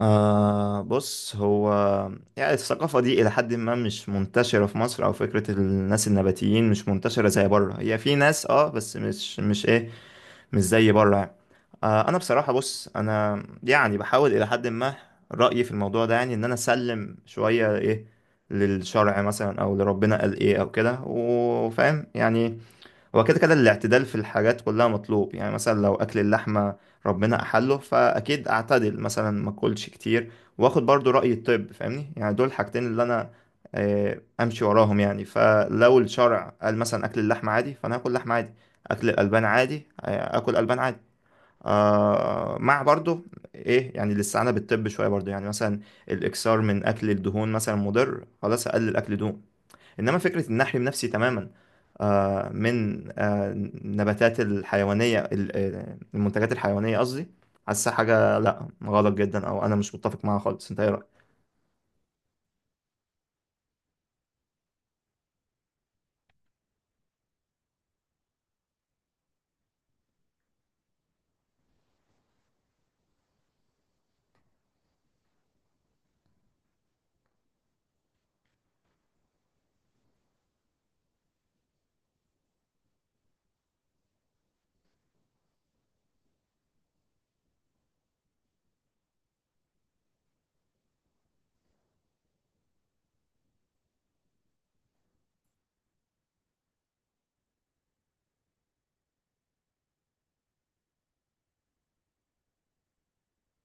بص هو يعني الثقافة دي إلى حد ما مش منتشرة في مصر، أو فكرة الناس النباتيين مش منتشرة زي بره. هي في ناس بس مش إيه، مش زي بره يعني. أنا بصراحة بص، أنا يعني بحاول إلى حد ما، رأيي في الموضوع ده يعني إن أنا أسلم شوية إيه للشرع مثلا، أو لربنا قال إيه أو كده، وفاهم يعني. هو كده كده الاعتدال في الحاجات كلها مطلوب يعني. مثلا لو اكل اللحمه ربنا احله، فاكيد اعتدل مثلا ما اكلش كتير، واخد برضو راي الطب، فاهمني؟ يعني دول الحاجتين اللي انا امشي وراهم يعني. فلو الشرع قال مثلا اكل اللحمه عادي، فانا هاكل لحمه عادي، اكل الالبان عادي، اكل البان عادي، مع برضو ايه، يعني الاستعانه بالطب شويه برضو. يعني مثلا الاكثار من اكل الدهون مثلا مضر، خلاص اقلل اكل دهون. انما فكره ان احرم نفسي تماما من النباتات الحيوانيه المنتجات الحيوانيه قصدي، حاسه حاجه لا، غلط جدا او انا مش متفق معاها خالص. انت ايه رايك؟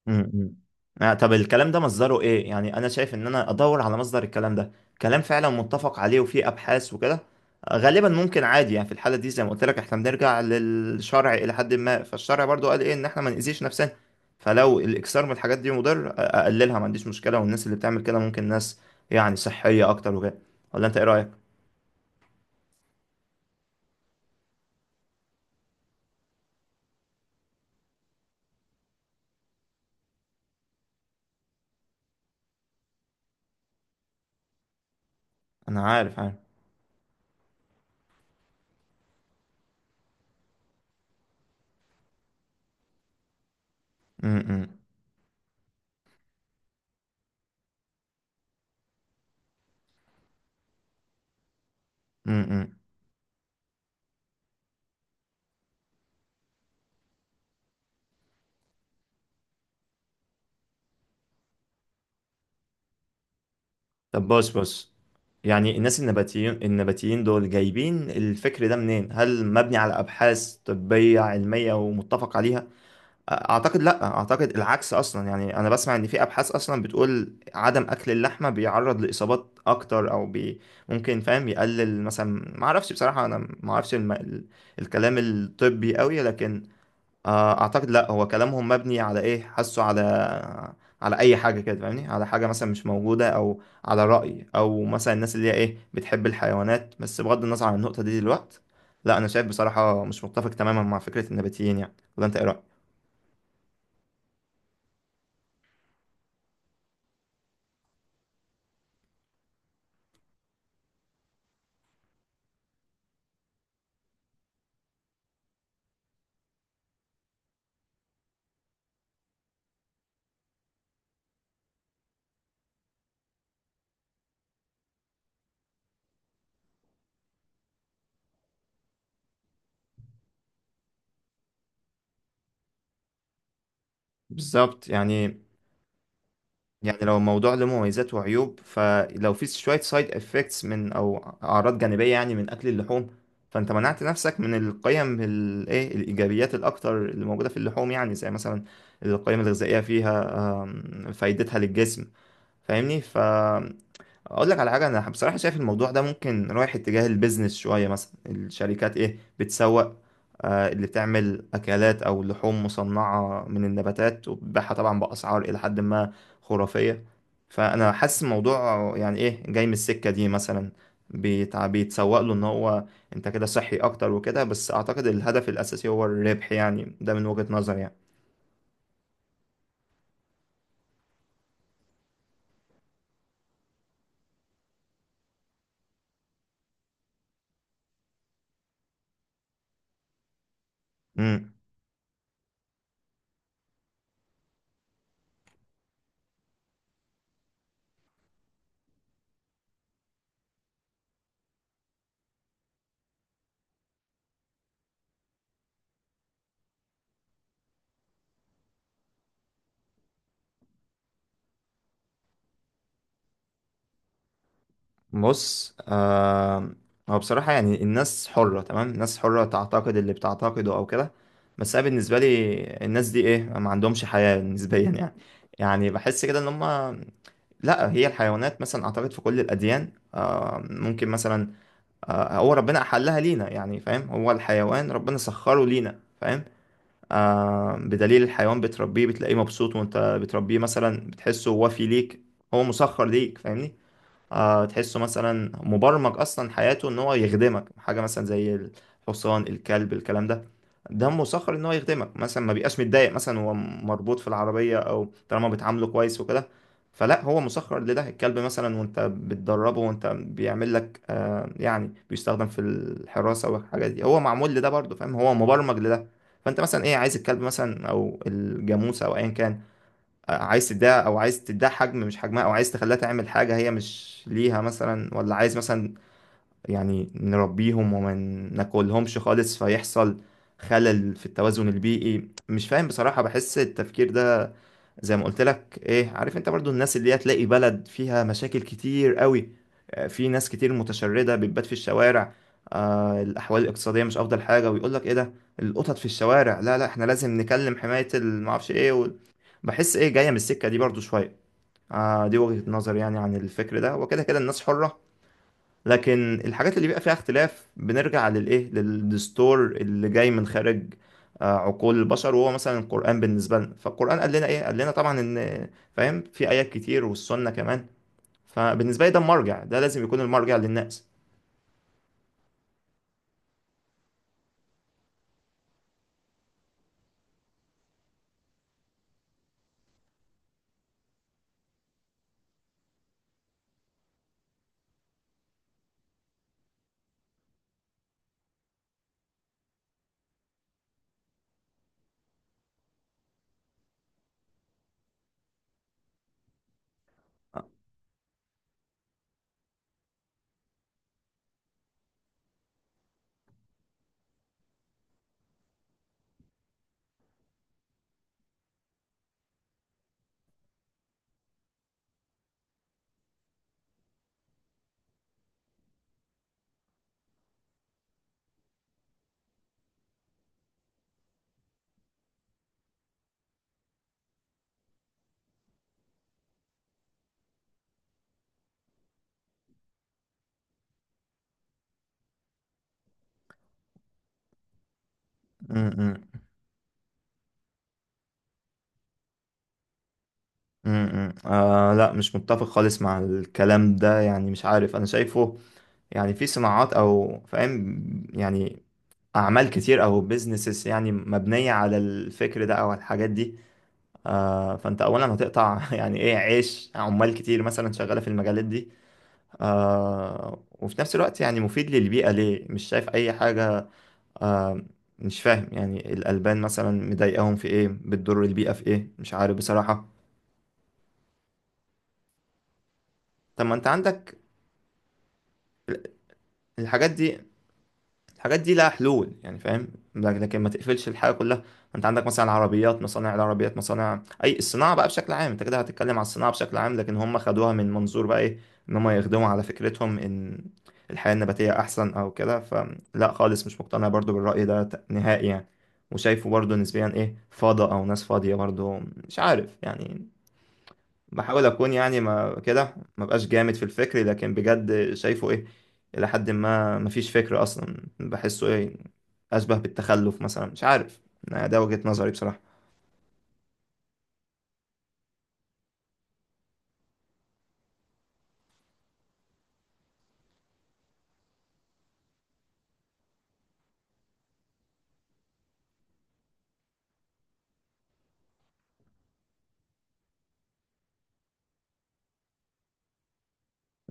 امم آه طب الكلام ده مصدره ايه؟ يعني انا شايف ان انا ادور على مصدر الكلام ده، كلام فعلا متفق عليه وفيه ابحاث وكده. غالبا ممكن عادي يعني. في الحاله دي زي ما قلت لك احنا بنرجع للشرع الى حد ما، فالشرع برضو قال ايه، ان احنا ما نأذيش نفسنا. فلو الاكثار من الحاجات دي مضر، اقللها ما عنديش مشكله، والناس اللي بتعمل كده ممكن ناس يعني صحيه اكتر وكده. ولا انت ايه رايك؟ انا عارف عارف. امم امم. طب بص يعني الناس النباتيين، دول جايبين الفكر ده منين؟ هل مبني على أبحاث طبية علمية ومتفق عليها؟ أعتقد لأ، أعتقد العكس أصلا. يعني أنا بسمع إن في أبحاث أصلا بتقول عدم أكل اللحمة بيعرض لإصابات أكتر، أو بي ممكن فاهم يقلل مثلا، معرفش بصراحة. أنا معرفش الكلام الطبي قوي، لكن اعتقد لا، هو كلامهم مبني على ايه، حاسه على على اي حاجه كده، فاهمني؟ على حاجه مثلا مش موجوده، او على راي، او مثلا الناس اللي هي ايه بتحب الحيوانات بس، بغض النظر عن النقطه دي دلوقتي. لا انا شايف بصراحه مش متفق تماما مع فكره النباتيين يعني. ولا انت ايه رايك؟ بالظبط يعني، يعني لو الموضوع له مميزات وعيوب، فلو في شوية سايد افكتس من او اعراض جانبية يعني من اكل اللحوم، فانت منعت نفسك من القيم الايه، الايجابيات الاكتر اللي موجودة في اللحوم، يعني زي مثلا القيم الغذائية فيها، فايدتها للجسم، فاهمني؟ ف اقول لك على حاجه، انا بصراحه شايف الموضوع ده ممكن رايح اتجاه البيزنس شويه. مثلا الشركات ايه بتسوق، اللي بتعمل اكلات او لحوم مصنعه من النباتات، وبتبيعها طبعا باسعار الى حد ما خرافيه. فانا حاسس الموضوع يعني ايه جاي من السكه دي مثلا، بيتسوق له ان هو انت كده صحي اكتر وكده، بس اعتقد الهدف الاساسي هو الربح يعني، ده من وجهه نظري. يعني بص آه، هو بصراحة يعني الناس حرة تمام، الناس حرة تعتقد اللي بتعتقده أو كده، بس أنا بالنسبة لي الناس دي إيه ما عندهمش حياة نسبيا يعني. يعني بحس كده إن هما لا، هي الحيوانات مثلا أعتقد في كل الأديان آه ممكن مثلا، آه هو ربنا أحلها لينا يعني، فاهم؟ هو الحيوان ربنا سخره لينا فاهم، آه بدليل الحيوان بتربيه بتلاقيه مبسوط، وأنت بتربيه مثلا بتحسه، وفي ليك هو مسخر ليك، فاهمني؟ تحسه مثلا مبرمج اصلا حياته ان هو يخدمك حاجه، مثلا زي الحصان، الكلب، الكلام ده، ده مسخر ان هو يخدمك مثلا. ما بيبقاش متضايق مثلا هو مربوط في العربيه، او طالما بتعامله كويس وكده فلا، هو مسخر لده. الكلب مثلا وانت بتدربه، وانت بيعمل لك يعني بيستخدم في الحراسه والحاجات دي، هو معمول لده برضه فاهم، هو مبرمج لده. فانت مثلا ايه، عايز الكلب مثلا او الجاموسه او ايا كان، عايز تديها او عايز تديها حجم مش حجمها، او عايز تخليها تعمل حاجة هي مش ليها مثلا، ولا عايز مثلا يعني نربيهم وما ناكلهمش خالص، فيحصل خلل في التوازن البيئي. مش فاهم بصراحة، بحس التفكير ده زي ما قلت لك ايه، عارف انت برضو الناس اللي هي تلاقي بلد فيها مشاكل كتير قوي، في ناس كتير متشردة بتبات في الشوارع، آه الأحوال الاقتصادية مش أفضل حاجة، ويقول لك ايه، ده القطط في الشوارع، لا لا احنا لازم نكلم حماية المعرفش ايه و... بحس ايه جاية من السكة دي برضو شوية. آه دي وجهة نظر يعني عن الفكر ده، وكده كده الناس حرة. لكن الحاجات اللي بيبقى فيها اختلاف بنرجع للايه، للدستور اللي جاي من خارج عقول البشر، وهو مثلا القرآن بالنسبة لنا. فالقرآن قال لنا ايه، قال لنا طبعا ان فاهم، في آيات كتير والسنة كمان. فبالنسبة لي ده المرجع، ده لازم يكون المرجع للناس. م-م. م-م. آه لا مش متفق خالص مع الكلام ده يعني، مش عارف انا شايفه يعني في صناعات، او فاهم يعني اعمال كتير او بيزنسز يعني مبنية على الفكر ده او على الحاجات دي. فانت اولا هتقطع يعني ايه عيش عمال كتير مثلا شغاله في المجالات دي. وفي نفس الوقت يعني مفيد للبيئه ليه؟ مش شايف اي حاجه. آه، مش فاهم يعني الالبان مثلا مضايقاهم في ايه، بتضر البيئه في ايه؟ مش عارف بصراحه. طب ما انت عندك الحاجات دي، الحاجات دي لها حلول يعني فاهم. لكن ما تقفلش الحاجه كلها. انت عندك مثلا العربيات، مصانع العربيات، مصانع اي الصناعه بقى بشكل عام، انت كده هتتكلم على الصناعه بشكل عام. لكن هم خدوها من منظور بقى ايه، ان هم يخدموا على فكرتهم ان الحياه النباتيه احسن او كده. فلا خالص مش مقتنع برضو بالراي ده نهائي يعني، وشايفه برضو نسبيا ايه فاضي، او ناس فاضيه برضو، مش عارف يعني. بحاول اكون يعني ما كده، ما بقاش جامد في الفكر، لكن بجد شايفه ايه الى حد ما ما فيش فكر اصلا، بحسه ايه اشبه بالتخلف مثلا، مش عارف. ده وجهة نظري بصراحة.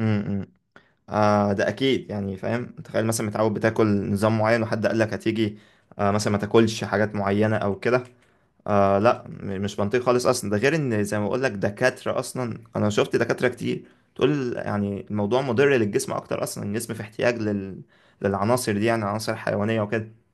امم آه ده اكيد يعني فاهم، تخيل مثلا متعود بتاكل نظام معين وحد قال لك هتيجي آه مثلا ما تاكلش حاجات معينة او كده. آه لا مش منطقي خالص اصلا. ده غير ان زي ما بقول لك دكاتره اصلا، انا شفت دكاتره كتير تقول يعني الموضوع مضر للجسم اكتر. اصلا الجسم في احتياج للعناصر دي، يعني عناصر حيوانيه وكده.